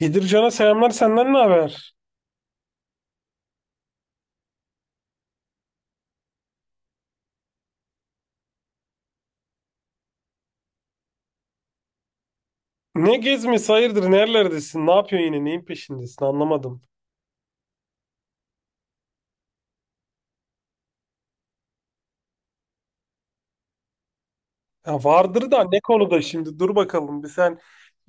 Bedircan'a selamlar, senden ne haber? Ne gezmesi, hayırdır, nerelerdesin? Ne yapıyorsun, yine neyin peşindesin, anlamadım. Ya vardır da ne konuda şimdi, dur bakalım bir sen,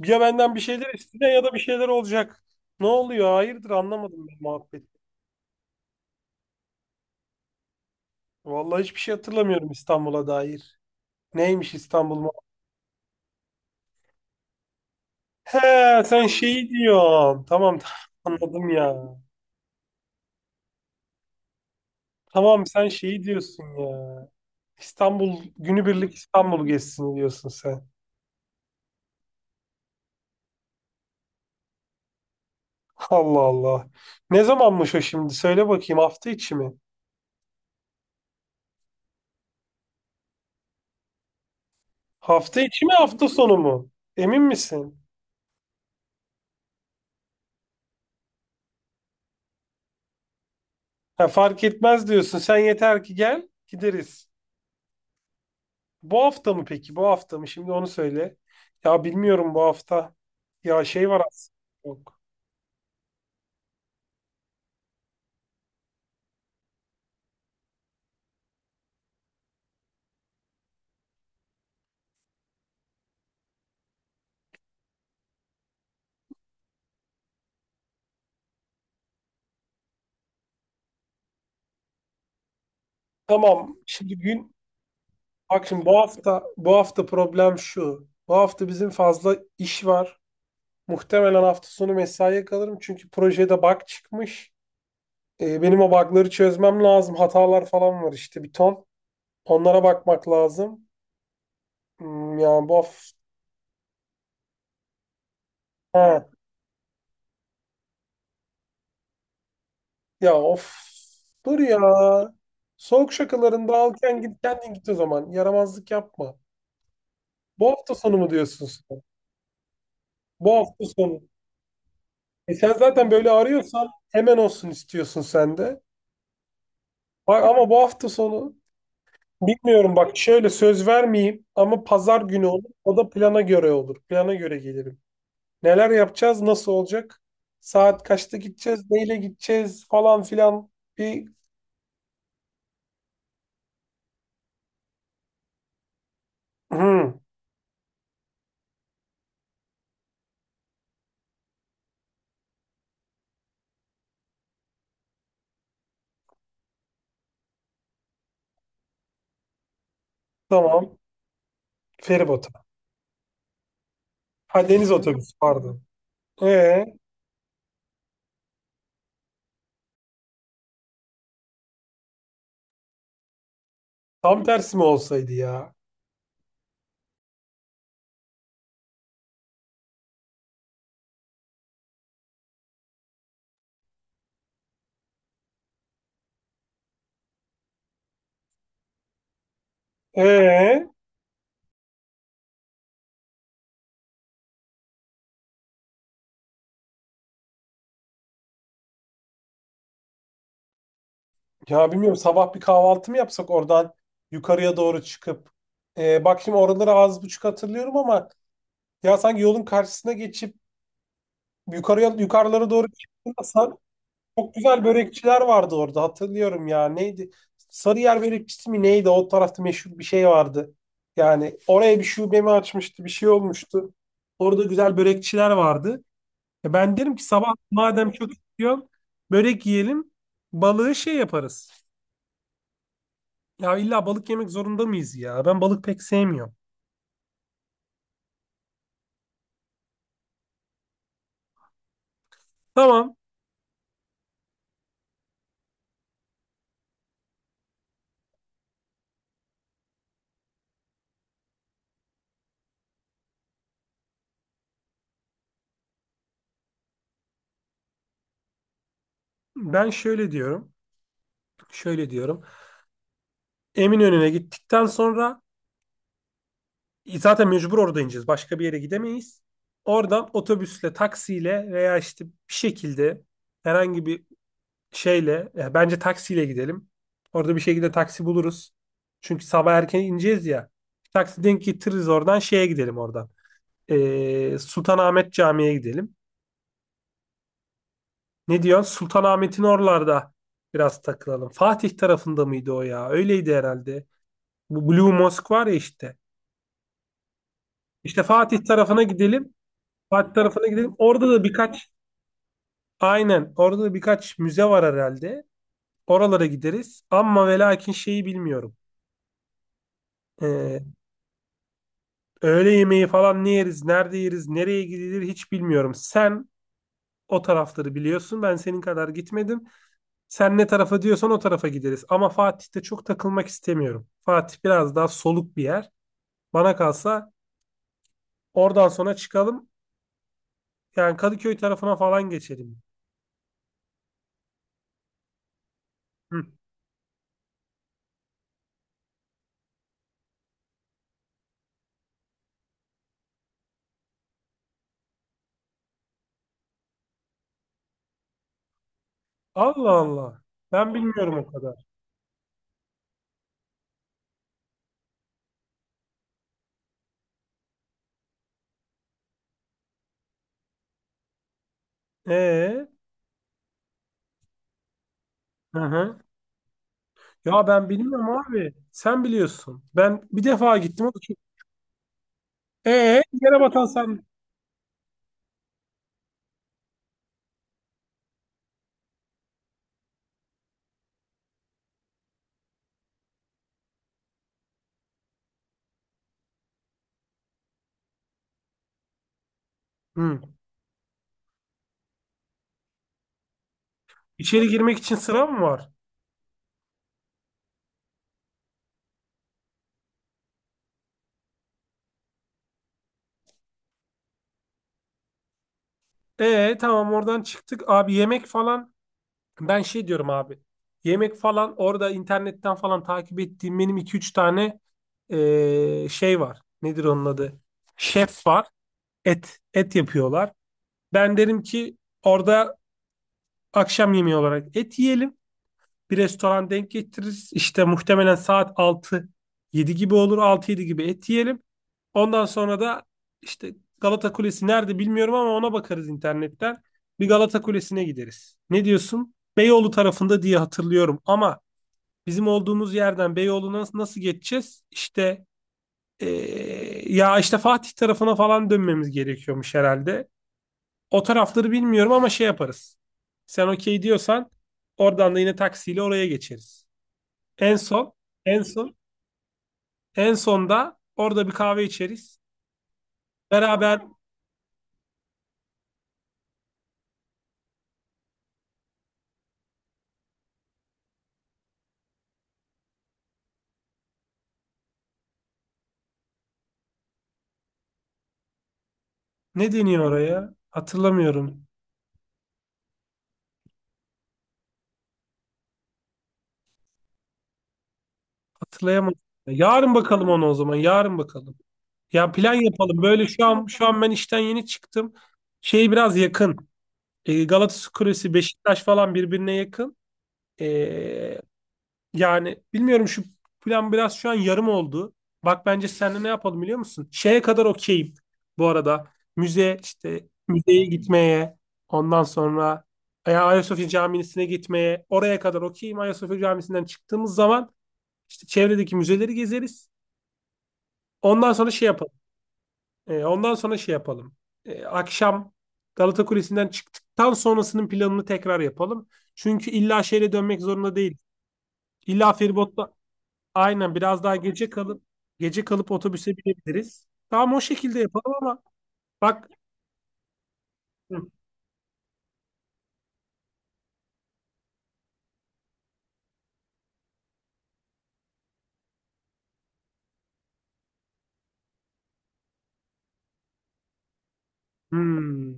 ya benden bir şeyler isteyeceksin ya da bir şeyler olacak. Ne oluyor, hayırdır, anlamadım ben muhabbeti. Vallahi hiçbir şey hatırlamıyorum İstanbul'a dair. Neymiş, İstanbul mu? He, sen şeyi diyorsun. Tamam, tamam, anladım ya. Tamam, sen şeyi diyorsun ya. İstanbul günübirlik, İstanbul gezsin diyorsun sen. Allah Allah. Ne zamanmış o şimdi? Söyle bakayım, hafta içi mi? Hafta içi mi, hafta sonu mu? Emin misin? Ha, fark etmez diyorsun. Sen yeter ki gel, gideriz. Bu hafta mı peki? Bu hafta mı? Şimdi onu söyle. Ya bilmiyorum bu hafta. Ya şey var aslında. Yok. Tamam. Şimdi gün Bak şimdi, bu hafta problem şu. Bu hafta bizim fazla iş var. Muhtemelen hafta sonu mesaiye kalırım, çünkü projede bug çıkmış. Benim o bug'ları çözmem lazım. Hatalar falan var işte, bir ton. Onlara bakmak lazım. Ya bu of. Ha. Ya of. Dur ya. Soğuk şakalarında, al kendin git kendin git o zaman. Yaramazlık yapma. Bu hafta sonu mu diyorsun sen? Bu hafta sonu. E sen zaten böyle arıyorsan, hemen olsun istiyorsun sen de. Bak ama bu hafta sonu bilmiyorum, bak, şöyle söz vermeyeyim ama pazar günü olur. O da plana göre olur. Plana göre gelirim. Neler yapacağız, nasıl olacak? Saat kaçta gideceğiz, neyle gideceğiz falan filan. Bir Hı, tamam. Feribota. Ha, deniz otobüsü pardon. Ee, Tam tersi mi olsaydı ya? Ee, Ya bilmiyorum, sabah bir kahvaltı mı yapsak, oradan yukarıya doğru çıkıp. Bak şimdi, oraları az buçuk hatırlıyorum ama ya sanki yolun karşısına geçip yukarıya, yukarılara doğru çıktığında... Çok güzel börekçiler vardı orada, hatırlıyorum ya. Neydi? Sarıyer börekçisi mi neydi? O tarafta meşhur bir şey vardı. Yani oraya bir şube mi açmıştı? Bir şey olmuştu. Orada güzel börekçiler vardı. Ya ben derim ki, sabah madem çok istiyorsun börek yiyelim. Balığı şey yaparız. Ya illa balık yemek zorunda mıyız ya? Ben balık pek sevmiyorum. Tamam. Ben şöyle diyorum. Şöyle diyorum. Eminönü'ne gittikten sonra, zaten mecbur orada ineceğiz. Başka bir yere gidemeyiz. Oradan otobüsle, taksiyle veya işte bir şekilde herhangi bir şeyle, bence taksiyle gidelim. Orada bir şekilde taksi buluruz. Çünkü sabah erken ineceğiz ya. Taksi denk getiririz, oradan şeye gidelim oradan. Sultanahmet Camii'ye gidelim. Ne diyorsun? Sultanahmet'in oralarda biraz takılalım. Fatih tarafında mıydı o ya? Öyleydi herhalde. Bu Blue Mosque var ya işte. İşte Fatih tarafına gidelim. Fatih tarafına gidelim. Orada da birkaç Aynen. Orada da birkaç müze var herhalde. Oralara gideriz. Ama ve lakin şeyi bilmiyorum. Ee, Öğle yemeği falan ne yeriz, nerede yeriz, nereye gidilir, hiç bilmiyorum. Sen o tarafları biliyorsun. Ben senin kadar gitmedim. Sen ne tarafa diyorsan o tarafa gideriz. Ama Fatih'te çok takılmak istemiyorum. Fatih biraz daha soluk bir yer. Bana kalsa oradan sonra çıkalım. Yani Kadıköy tarafına falan geçelim. Hı. Allah Allah. Ben bilmiyorum o kadar. Ee? Hı hı. Ya ben bilmiyorum abi. Sen biliyorsun. Ben bir defa gittim. O da çok... Ee, Yere batan sen. Hı. İçeri girmek için sıra mı var? Tamam, oradan çıktık. Abi yemek falan. Ben şey diyorum abi. Yemek falan orada internetten falan takip ettiğim benim iki üç tane şey var. Nedir onun adı? Şef var. Et. Et yapıyorlar. Ben derim ki, orada akşam yemeği olarak et yiyelim. Bir restoran denk getiririz. İşte muhtemelen saat altı yedi gibi olur. Altı yedi gibi et yiyelim. Ondan sonra da işte Galata Kulesi nerede bilmiyorum ama ona bakarız internetten. Bir Galata Kulesi'ne gideriz. Ne diyorsun? Beyoğlu tarafında diye hatırlıyorum ama bizim olduğumuz yerden Beyoğlu'na nasıl geçeceğiz? İşte ya işte Fatih tarafına falan dönmemiz gerekiyormuş herhalde. O tarafları bilmiyorum ama şey yaparız. Sen okey diyorsan oradan da yine taksiyle oraya geçeriz. En son, en son, en sonda orada bir kahve içeriz. Beraber, ne deniyor oraya? Hatırlamıyorum. Hatırlayamadım. Yarın bakalım onu o zaman. Yarın bakalım. Ya plan yapalım. Böyle şu an ben işten yeni çıktım. Şey biraz yakın. Galatasaray Kulesi, Beşiktaş falan birbirine yakın. E, Yani bilmiyorum, şu plan biraz şu an yarım oldu. Bak bence seninle ne yapalım biliyor musun? Şeye kadar okeyim bu arada. Müze işte müzeye gitmeye, ondan sonra ya Ayasofya Camisi'ne gitmeye, oraya kadar okeyim. Ayasofya Camisi'nden çıktığımız zaman işte çevredeki müzeleri gezeriz. Ondan sonra şey yapalım. Ondan sonra şey yapalım. Akşam Galata Kulesi'nden çıktıktan sonrasının planını tekrar yapalım. Çünkü illa şehre dönmek zorunda değil. İlla feribotla, aynen, biraz daha gece kalıp otobüse binebiliriz. Tamam, o şekilde yapalım ama bak, hmm,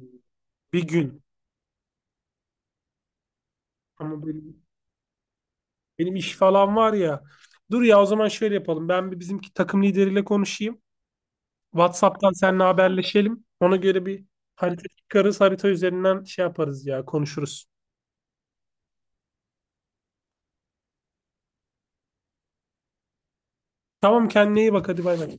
bir gün, ama benim iş falan var ya. Dur ya, o zaman şöyle yapalım. Ben bir bizimki takım lideriyle konuşayım. WhatsApp'tan seninle haberleşelim. Ona göre bir harita çıkarız. Harita üzerinden şey yaparız ya, konuşuruz. Tamam, kendine iyi bak, hadi bay bay.